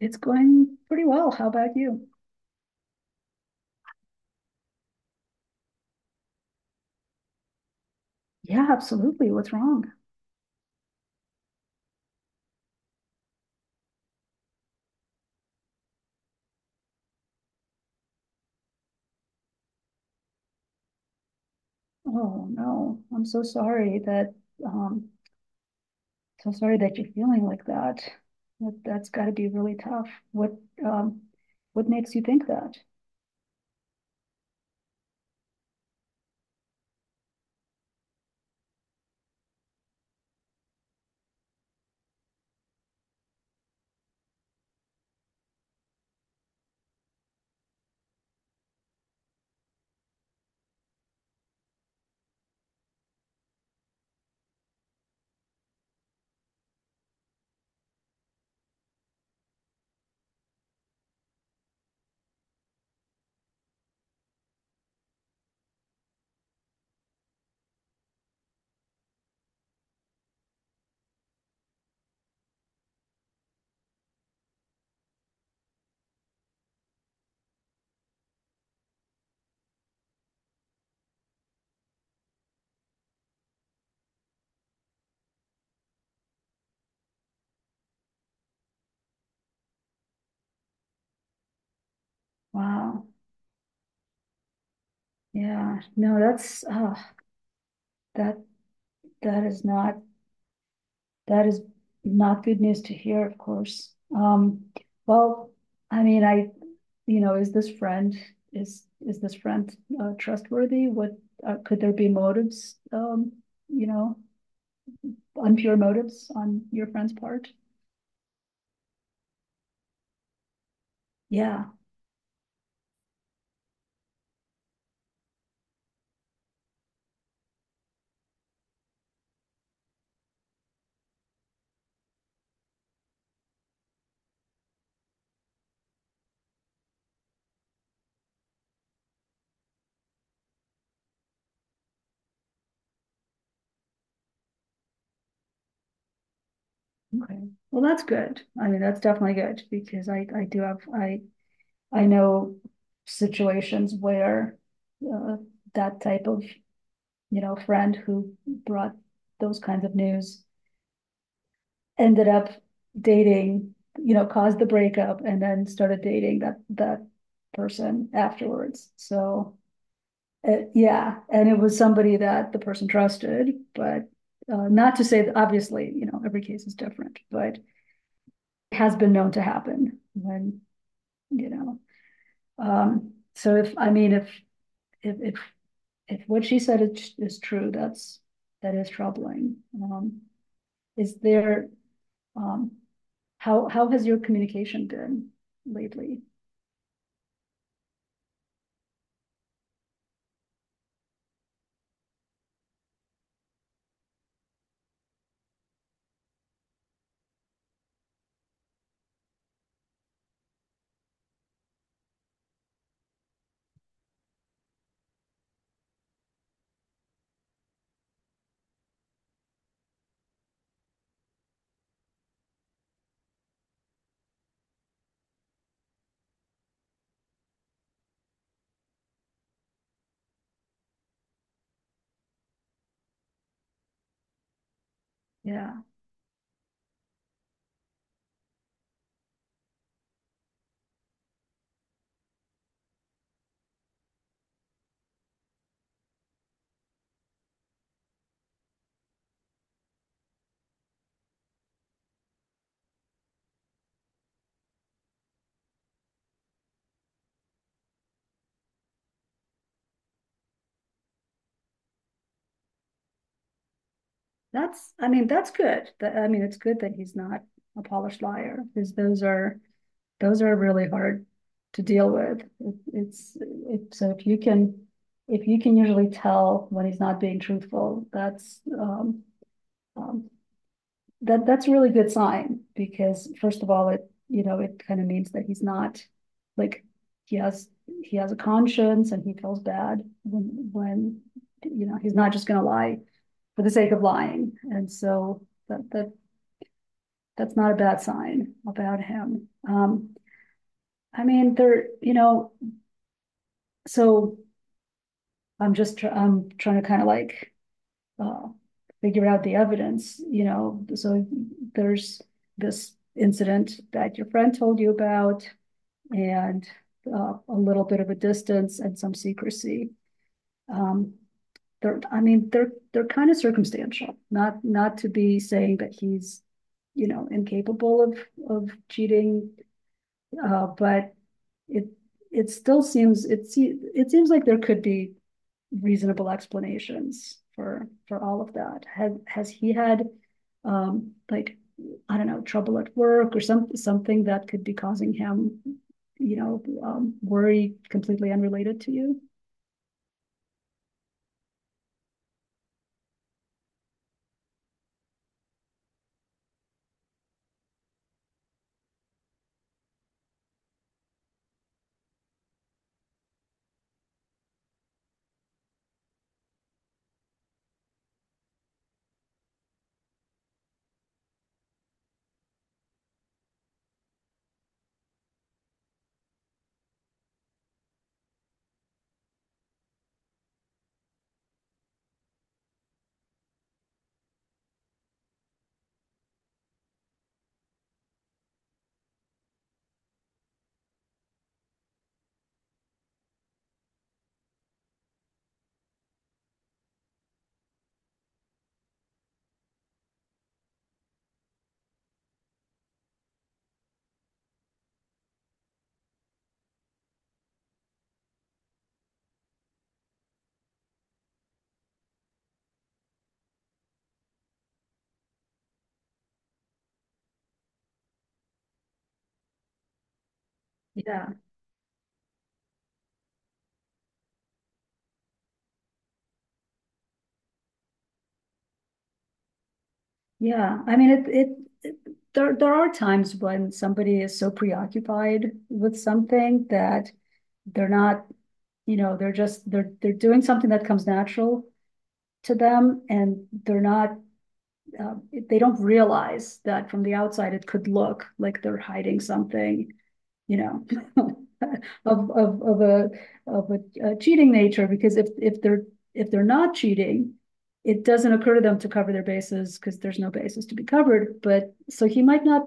It's going pretty well. How about you? Yeah, absolutely. What's wrong? Oh no, I'm um so sorry that you're feeling like that. That's got to be really tough. Um what makes you think that? Wow. Yeah. No, that's that that is not. That is not good news to hear, of course. Well, I mean, you know, is this friend is this friend trustworthy? What could there be motives? You know, impure motives on your friend's part? Yeah. Okay. Well, that's good. I mean, that's definitely good because I do have I know situations where uh, that type of, you know, friend who brought those kinds of news ended up dating, you know, caused the breakup and then started dating that person afterwards. So it, yeah, and it was somebody that the person trusted, but not to say that obviously, you know, every case is different, but it has been known to happen when, you know. So if I mean if if if what she said is true, that's that is troubling. Is there um, how has your communication been lately? Yeah, that's I mean that's good. That, I mean it's good that he's not a polished liar because those are really hard to deal with. It's so if you can usually tell when he's not being truthful, that's um, that that's a really good sign because first of all, it, you know, it kind of means that he's not like he has he has a conscience and he feels bad when, you know, he's not just going to lie for the sake of lying, and so that's not a bad sign about him. I mean, there, you know, so. I'm just tr- I'm trying to kind of like uh, figure out the evidence, you know, so there's this incident that your friend told you about and a little bit of a distance and some secrecy. Um, I mean, they're kind of circumstantial, not not to be saying that he's, you know, incapable of cheating but it it still seems it seems like there could be reasonable explanations for all of that. Has he had like I don't know trouble at work or some something that could be causing him, you know, worry completely unrelated to you? Yeah, yeah. I mean it it. It there, there are times when somebody is so preoccupied with something that they're not, you know, they're just, they're doing something that comes natural to them and they're not, they don't realize that from the outside, it could look like they're hiding something, you know, of a a cheating nature because if they're not cheating, it doesn't occur to them to cover their bases because there's no basis to be covered. But so he might not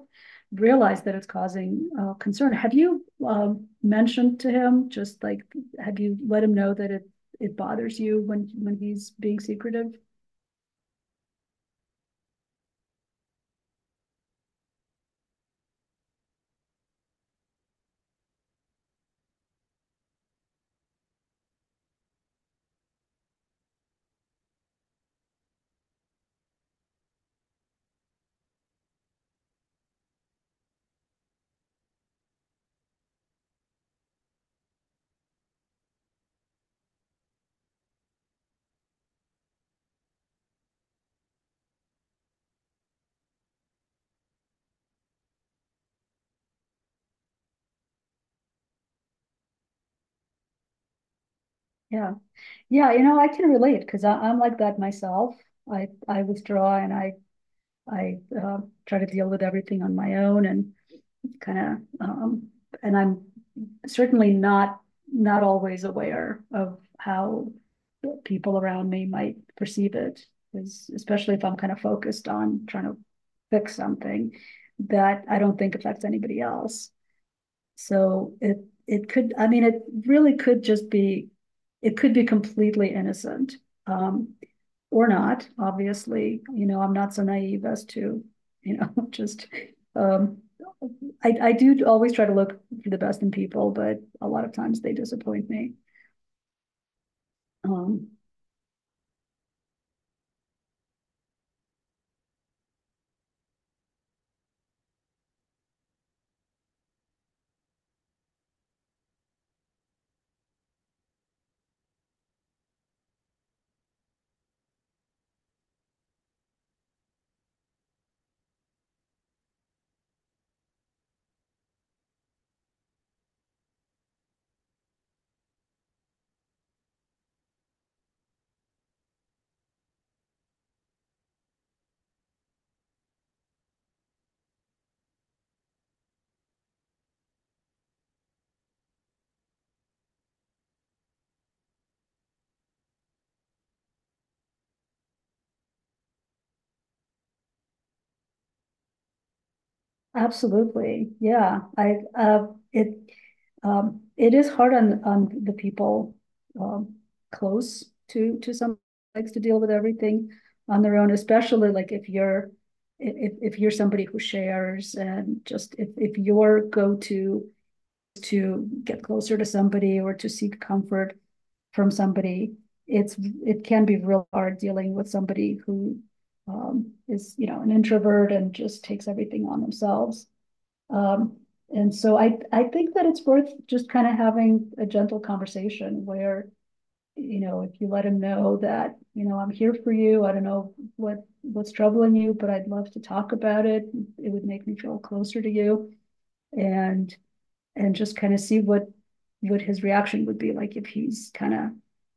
realize that it's causing concern. Have you mentioned to him just like have you let him know that it bothers you when he's being secretive? Yeah, yeah. You know, I can relate because I'm like that myself. I withdraw and I try to deal with everything on my own and kind of, and I'm certainly not not always aware of how people around me might perceive it, especially if I'm kind of focused on trying to fix something that I don't think affects anybody else. So it could, I mean, it really could just be, it could be completely innocent. Um, or not, obviously, you know, I'm not so naive as to, you know, just um I do always try to look for the best in people, but a lot of times they disappoint me. Um Absolutely. Yeah. I it It is hard on the people um close to some likes to deal with everything on their own, especially like if you're if you're somebody who shares and just if your go-to to get closer to somebody or to seek comfort from somebody, it can be real hard dealing with somebody who is, you know, an introvert and just takes everything on themselves. Um, and so I think that it's worth just kind of having a gentle conversation where, you know, if you let him know that, you know, I'm here for you. I don't know what's troubling you, but I'd love to talk about it. It would make me feel closer to you and and just kind of see what his reaction would be like if he's kind of,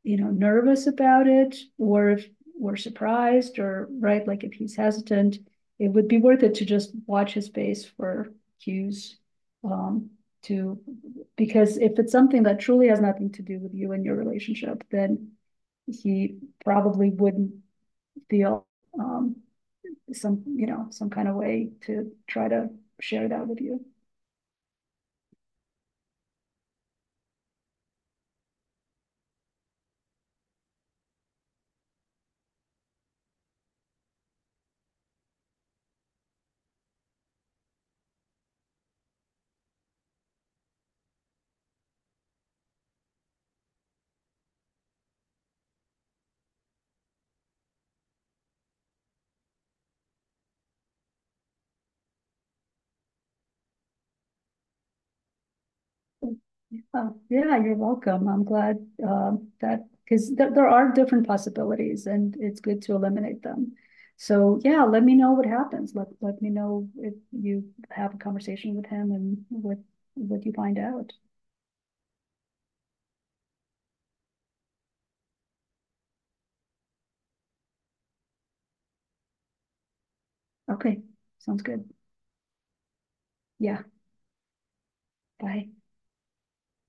you know, nervous about it or if we're surprised or right like if he's hesitant it would be worth it to just watch his face for cues um to because if it's something that truly has nothing to do with you and your relationship then he probably wouldn't feel um some, you know, some kind of way to try to share that with you. Oh, yeah, you're welcome. I'm glad that because there are different possibilities and it's good to eliminate them. So yeah, let me know what happens. Let me know if you have a conversation with him and what you find out. Okay, sounds good. Yeah, bye.